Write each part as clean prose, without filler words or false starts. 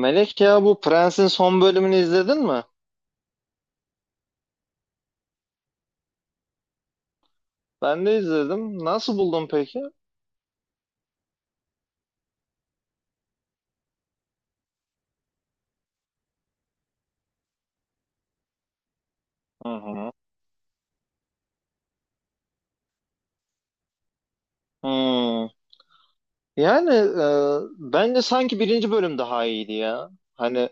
Melek ya bu Prens'in son bölümünü izledin mi? Ben de izledim. Nasıl buldun peki? Hı hı. Hmm. Yani bence sanki birinci bölüm daha iyiydi ya. Hani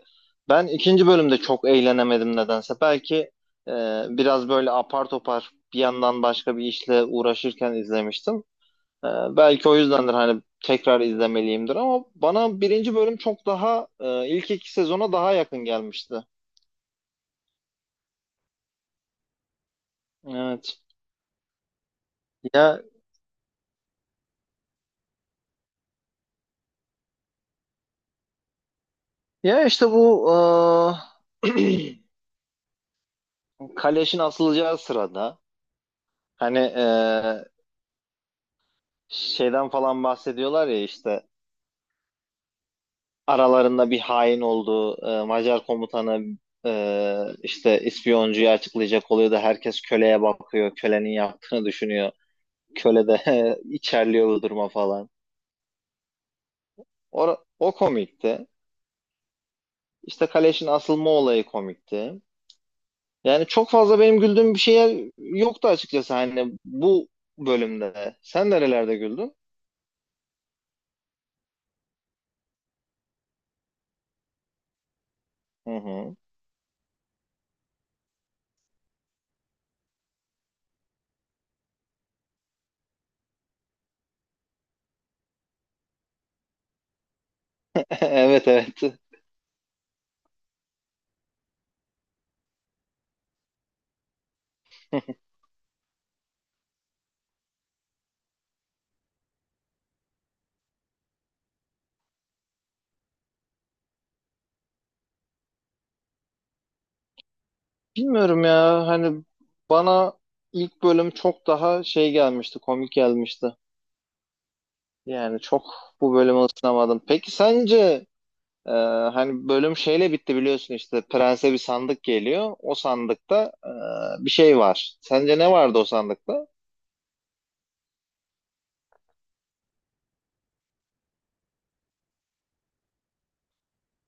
ben ikinci bölümde çok eğlenemedim nedense. Belki e, biraz böyle apar topar bir yandan başka bir işle uğraşırken izlemiştim. E, belki o yüzdendir hani tekrar izlemeliyimdir ama bana birinci bölüm çok daha ilk iki sezona daha yakın gelmişti. Evet. Ya Ya işte bu eee, kaleşin asılacağı sırada hani şeyden falan bahsediyorlar ya işte aralarında bir hain olduğu Macar komutanı işte ispiyoncuyu açıklayacak oluyor da herkes köleye bakıyor. Kölenin yaptığını düşünüyor. Köle de içerliyor bu duruma falan. O komikti. İşte kaleşin asılma olayı komikti. Yani çok fazla benim güldüğüm bir şeyler yoktu açıkçası hani bu bölümde. Sen nerelerde güldün? Hı hı. Evet, evet. Bilmiyorum ya hani bana ilk bölüm çok daha şey gelmişti, komik gelmişti. Yani çok bu bölüme ısınamadım. Peki sence e, hani bölüm şeyle bitti, biliyorsun işte prense bir sandık geliyor. O sandıkta bir şey var. Sence ne vardı o sandıkta?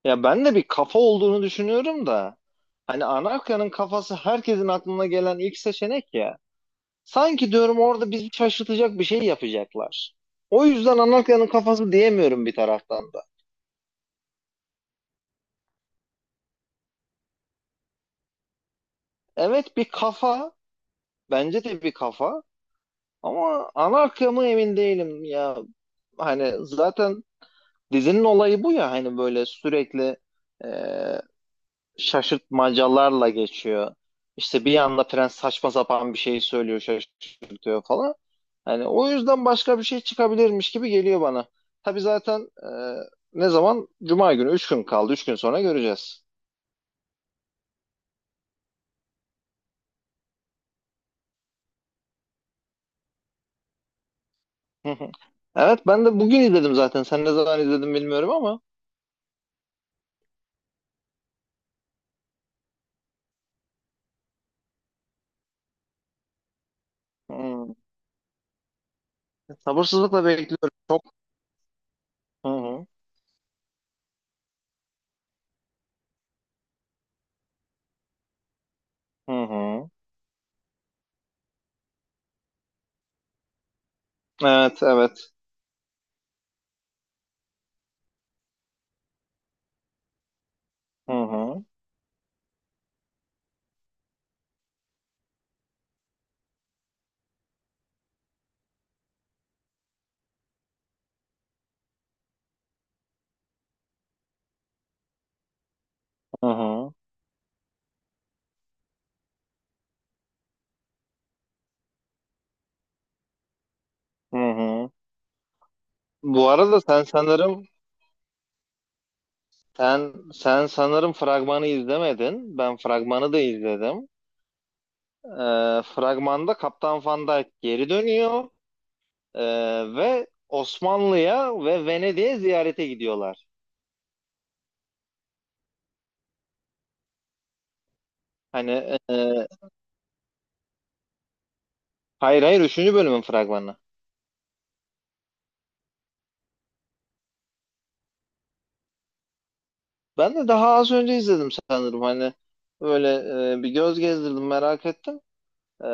Ya ben de bir kafa olduğunu düşünüyorum da. Hani Anarka'nın kafası herkesin aklına gelen ilk seçenek ya. Sanki diyorum orada bizi şaşırtacak bir şey yapacaklar. O yüzden Anarka'nın kafası diyemiyorum bir taraftan da. Evet, bir kafa, bence de bir kafa ama Anarka mı emin değilim ya. Hani zaten dizinin olayı bu ya, hani böyle sürekli e, şaşırtmacalarla geçiyor. İşte bir anda prens saçma sapan bir şey söylüyor, şaşırtıyor falan. Hani o yüzden başka bir şey çıkabilirmiş gibi geliyor bana. Tabii zaten, ne zaman? Cuma günü. 3 gün kaldı. 3 gün sonra göreceğiz. Hı hı. Evet, ben de bugün izledim zaten. Sen ne zaman izledin bilmiyorum ama. Hmm. Sabırsızlıkla bekliyorum. Çok. Hı hı. Hı hı. Evet, evet. Hı hı. Hı hı. Hı hı. Bu arada sen sanırım fragmanı izlemedin. Ben fragmanı da izledim. Fragmanda Kaptan Van Dijk geri dönüyor ee, ve Osmanlı'ya ve Venedik'e ziyarete gidiyorlar. Hani e, hayır, hayır, üçüncü bölümün fragmanı. Ben de daha az önce izledim sanırım. Hani böyle bir göz gezdirdim, merak ettim. Ee,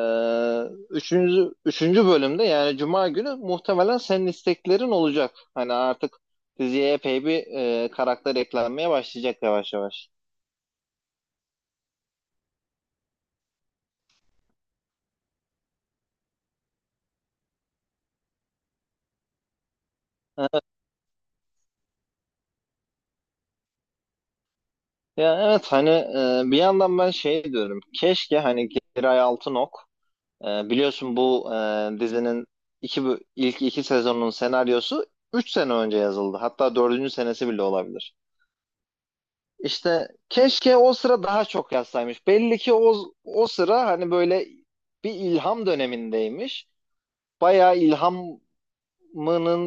üçüncü bölümde yani Cuma günü muhtemelen senin isteklerin olacak. Hani artık diziye epey bir karakter eklenmeye başlayacak yavaş yavaş. Ya evet hani bir yandan ben şey diyorum. Keşke hani Giray Altınok, biliyorsun bu dizinin ilk iki sezonun senaryosu 3 sene önce yazıldı. Hatta dördüncü senesi bile olabilir. İşte keşke o sıra daha çok yazsaymış. Belli ki o sıra hani böyle bir ilham dönemindeymiş. Bayağı ilhamının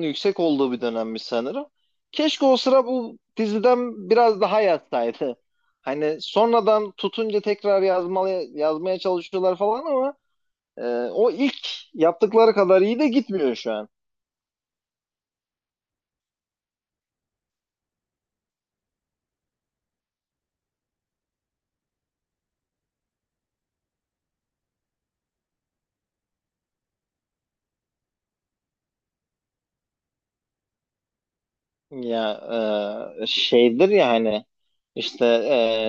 yüksek olduğu bir dönemmiş sanırım. Keşke o sıra bu diziden biraz daha yazsaydı. Hani sonradan tutunca tekrar yazmalı, yazmaya çalışıyorlar falan ama e, o ilk yaptıkları kadar iyi de gitmiyor şu an. Ya şeydir ya hani işte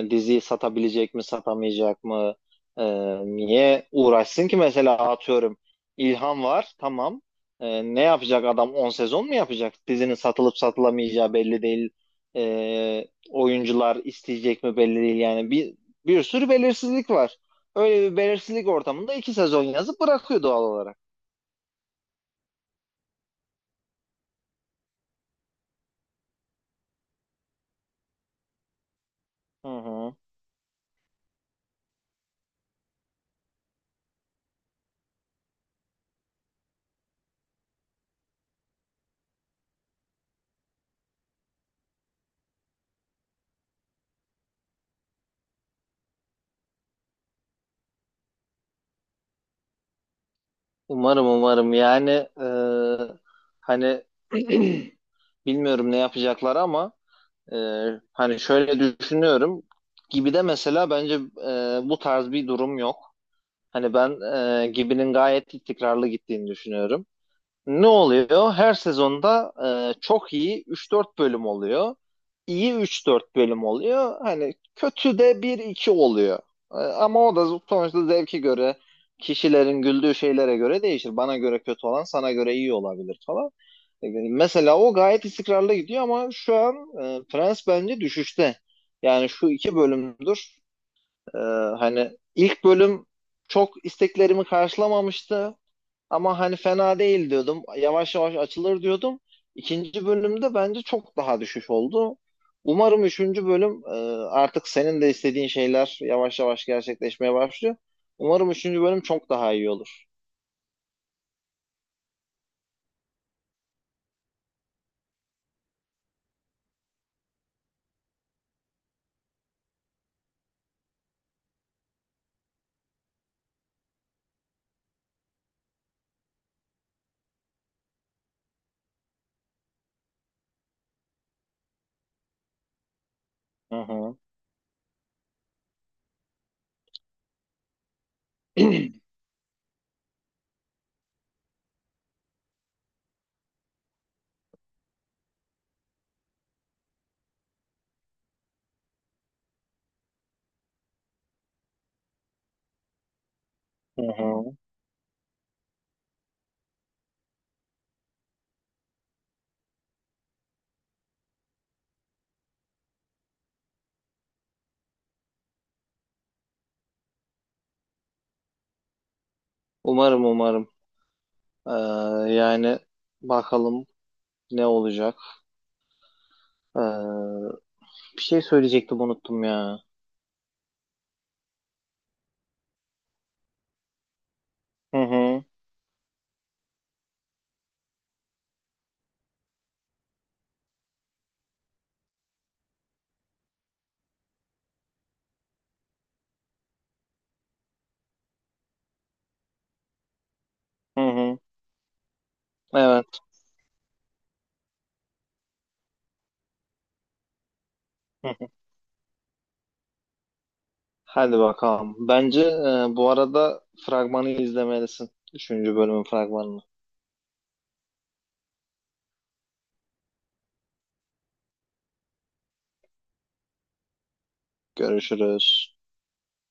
diziyi satabilecek mi satamayacak mı? E, niye uğraşsın ki, mesela atıyorum İlhan var, tamam. Ne yapacak adam, 10 sezon mu yapacak? Dizinin satılıp satılamayacağı belli değil. Oyuncular isteyecek mi belli değil, yani bir sürü belirsizlik var. Öyle bir belirsizlik ortamında 2 sezon yazıp bırakıyor doğal olarak. Hı hı. Umarım, umarım yani, e, hani bilmiyorum ne yapacaklar ama e, hani şöyle düşünüyorum. Gibi'de mesela bence bu tarz bir durum yok. Hani ben Gibi'nin gayet istikrarlı gittiğini düşünüyorum. Ne oluyor? Her sezonda çok iyi üç dört bölüm oluyor. İyi üç dört bölüm oluyor. Hani kötü de bir iki oluyor. Ama o da sonuçta zevki göre, kişilerin güldüğü şeylere göre değişir. Bana göre kötü olan sana göre iyi olabilir falan. Mesela o gayet istikrarlı gidiyor ama şu an Prens bence düşüşte. Yani şu iki bölümdür. e, hani ilk bölüm çok isteklerimi karşılamamıştı. Ama hani fena değil diyordum. Yavaş yavaş açılır diyordum. İkinci bölümde bence çok daha düşüş oldu. Umarım üçüncü bölüm, artık senin de istediğin şeyler yavaş yavaş gerçekleşmeye başlıyor. Umarım üçüncü bölüm çok daha iyi olur. Hı hı, hı hı. Umarım, umarım. Ee, yani bakalım ne olacak. Ee, bir şey söyleyecektim, unuttum ya. Hı hı, hı hı. Evet. Hadi bakalım. Bence bu arada fragmanı izlemelisin. Üçüncü bölümün fragmanını. Görüşürüz.